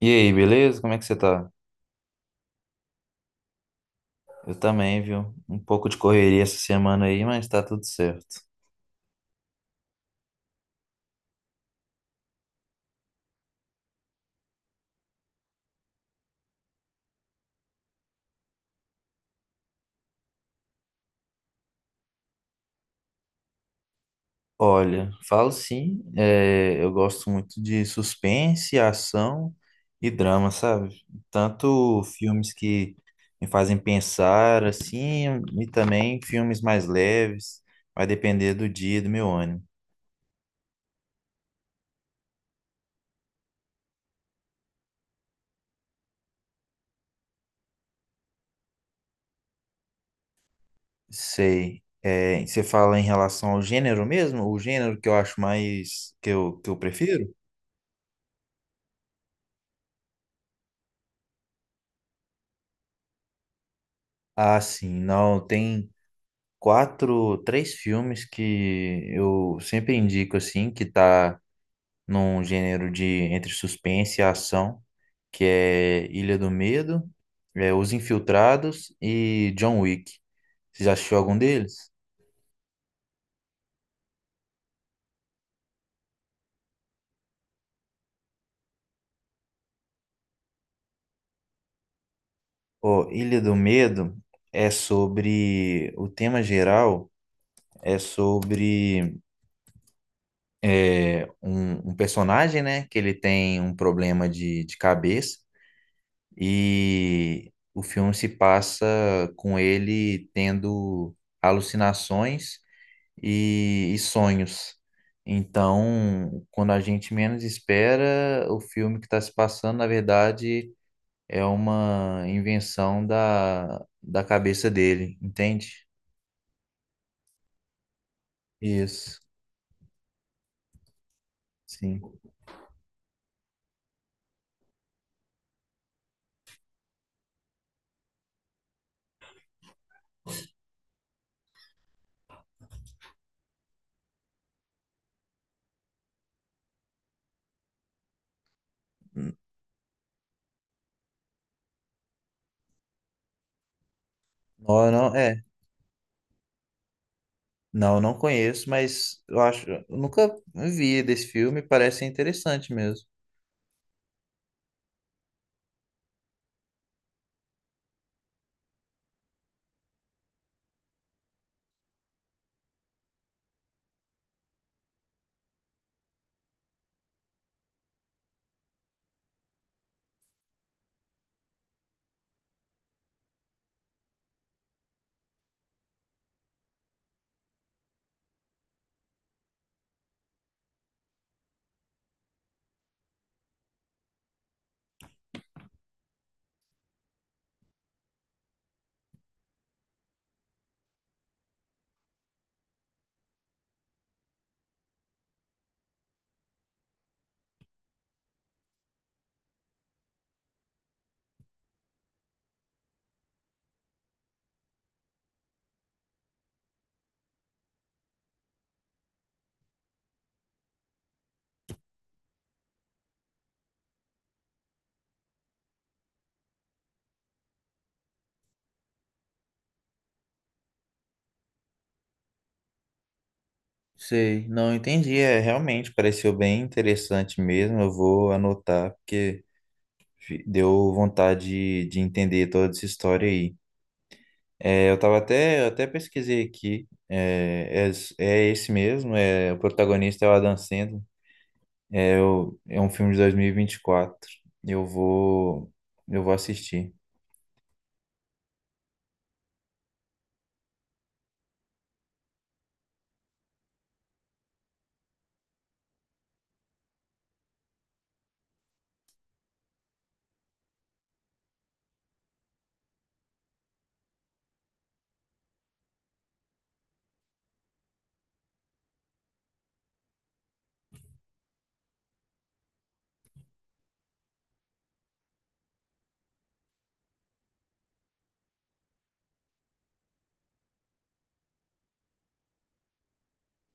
E aí, beleza? Como é que você tá? Eu também, viu? Um pouco de correria essa semana aí, mas tá tudo certo. Olha, falo sim, eu gosto muito de suspense, ação e drama, sabe? Tanto filmes que me fazem pensar, assim, e também filmes mais leves, vai depender do dia, e do meu ânimo. Sei. Você fala em relação ao gênero mesmo? O gênero que eu acho mais, que eu prefiro? Ah, sim, não, tem, quatro, três filmes que eu sempre indico assim, que tá num gênero de entre suspense e ação, que é Ilha do Medo, Os Infiltrados e John Wick. Você já assistiu algum deles? Ó, Ilha do Medo é sobre o tema geral é sobre é, um personagem, né, que ele tem um problema de cabeça. E o filme se passa com ele tendo alucinações e sonhos. Então, quando a gente menos espera, o filme que está se passando, na verdade, é uma invenção da cabeça dele, entende? Isso, sim. Não, não, não, não conheço, mas eu nunca vi desse filme, parece ser interessante mesmo. Sei, não entendi. Realmente pareceu bem interessante mesmo. Eu vou anotar, porque deu vontade de entender toda essa história aí. É, eu até pesquisei aqui. É esse mesmo, o protagonista é o Adam Sandler. É um filme de dois mil e vinte e quatro. Eu vou, eu vou assistir.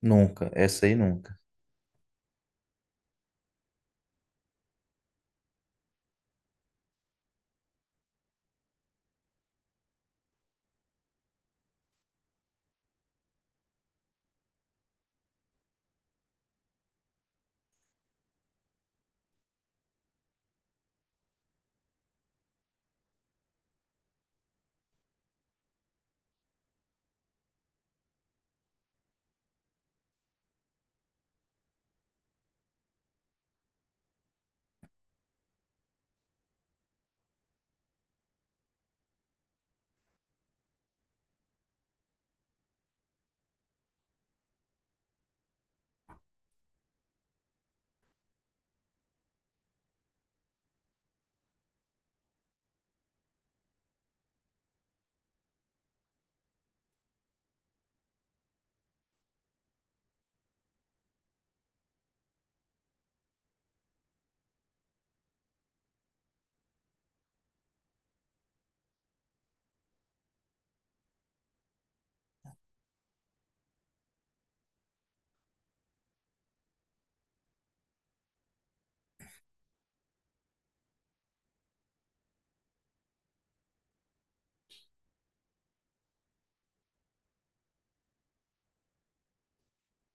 Nunca, essa aí nunca.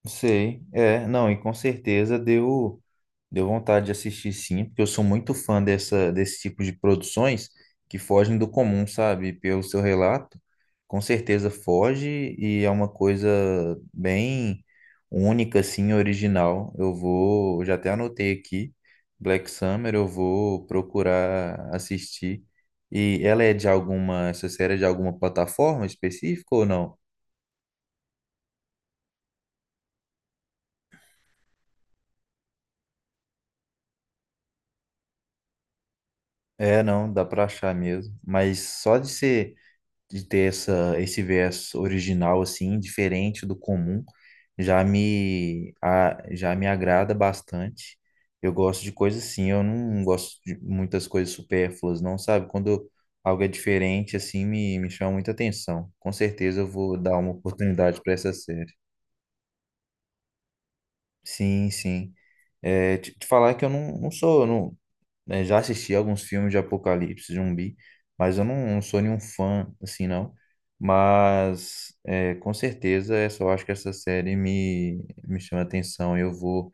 Sei, é, não, e com certeza deu. Deu vontade de assistir sim, porque eu sou muito fã desse tipo de produções que fogem do comum, sabe? Pelo seu relato, com certeza foge e é uma coisa bem única, assim, original. Já até anotei aqui, Black Summer, eu vou procurar assistir. E ela é de alguma, essa série é de alguma plataforma específica ou não? É, não, dá pra achar mesmo. Mas só de ser de ter esse viés original, assim, diferente do comum, já já me agrada bastante. Eu gosto de coisas assim, eu não gosto de muitas coisas supérfluas, não, sabe? Quando algo é diferente, assim, me chama muita atenção. Com certeza eu vou dar uma oportunidade para essa série. Sim, sim. É, te falar que eu não, não sou, não, né? Já assisti alguns filmes de apocalipse zumbi, mas eu não, não sou nenhum fã assim não. Mas com certeza essa, eu acho que essa série me chama atenção. Eu vou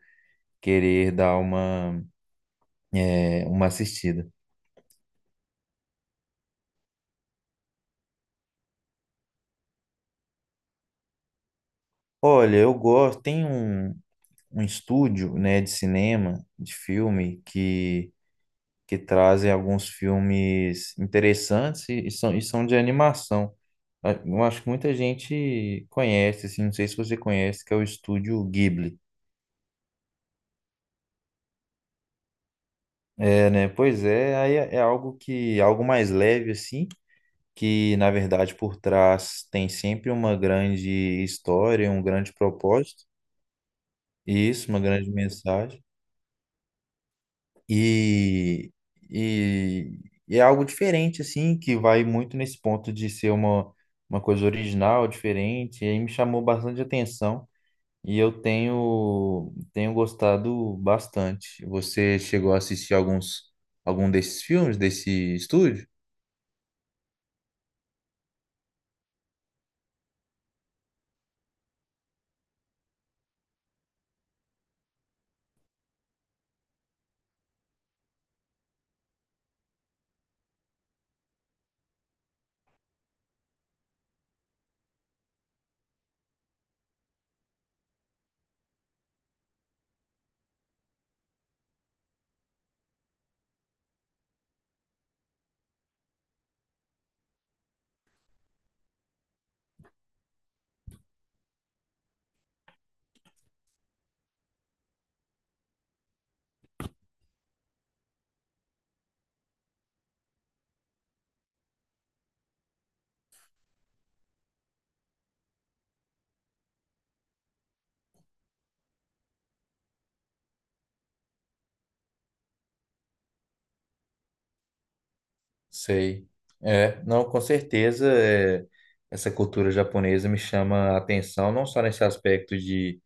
querer dar uma assistida. Olha, eu gosto, tem um estúdio, né, de cinema, de filme, que trazem alguns filmes interessantes e são de animação. Ah, eu acho que muita gente conhece, assim, não sei se você conhece, que é o estúdio Ghibli. É, né? Pois é, aí é algo algo mais leve, assim, que na verdade por trás tem sempre uma grande história, um grande propósito, e isso, uma grande mensagem. E, e, e é algo diferente, assim, que vai muito nesse ponto de ser uma coisa original, diferente, e aí me chamou bastante atenção. E eu tenho gostado bastante. Você chegou a assistir alguns algum desses filmes desse estúdio? Sei. É, não, com certeza, essa cultura japonesa me chama a atenção, não só nesse aspecto de,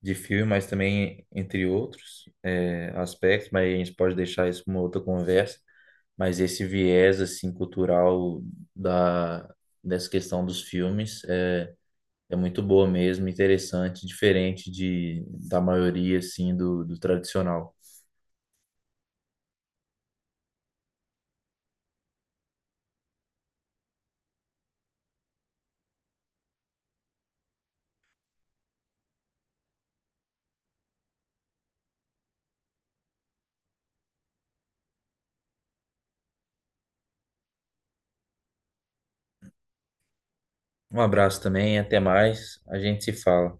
de filme, mas também entre outros aspectos, mas a gente pode deixar isso para uma outra conversa. Mas esse viés assim cultural da dessa questão dos filmes é muito boa mesmo, interessante, diferente da maioria, assim, do tradicional. Um abraço também, até mais. A gente se fala.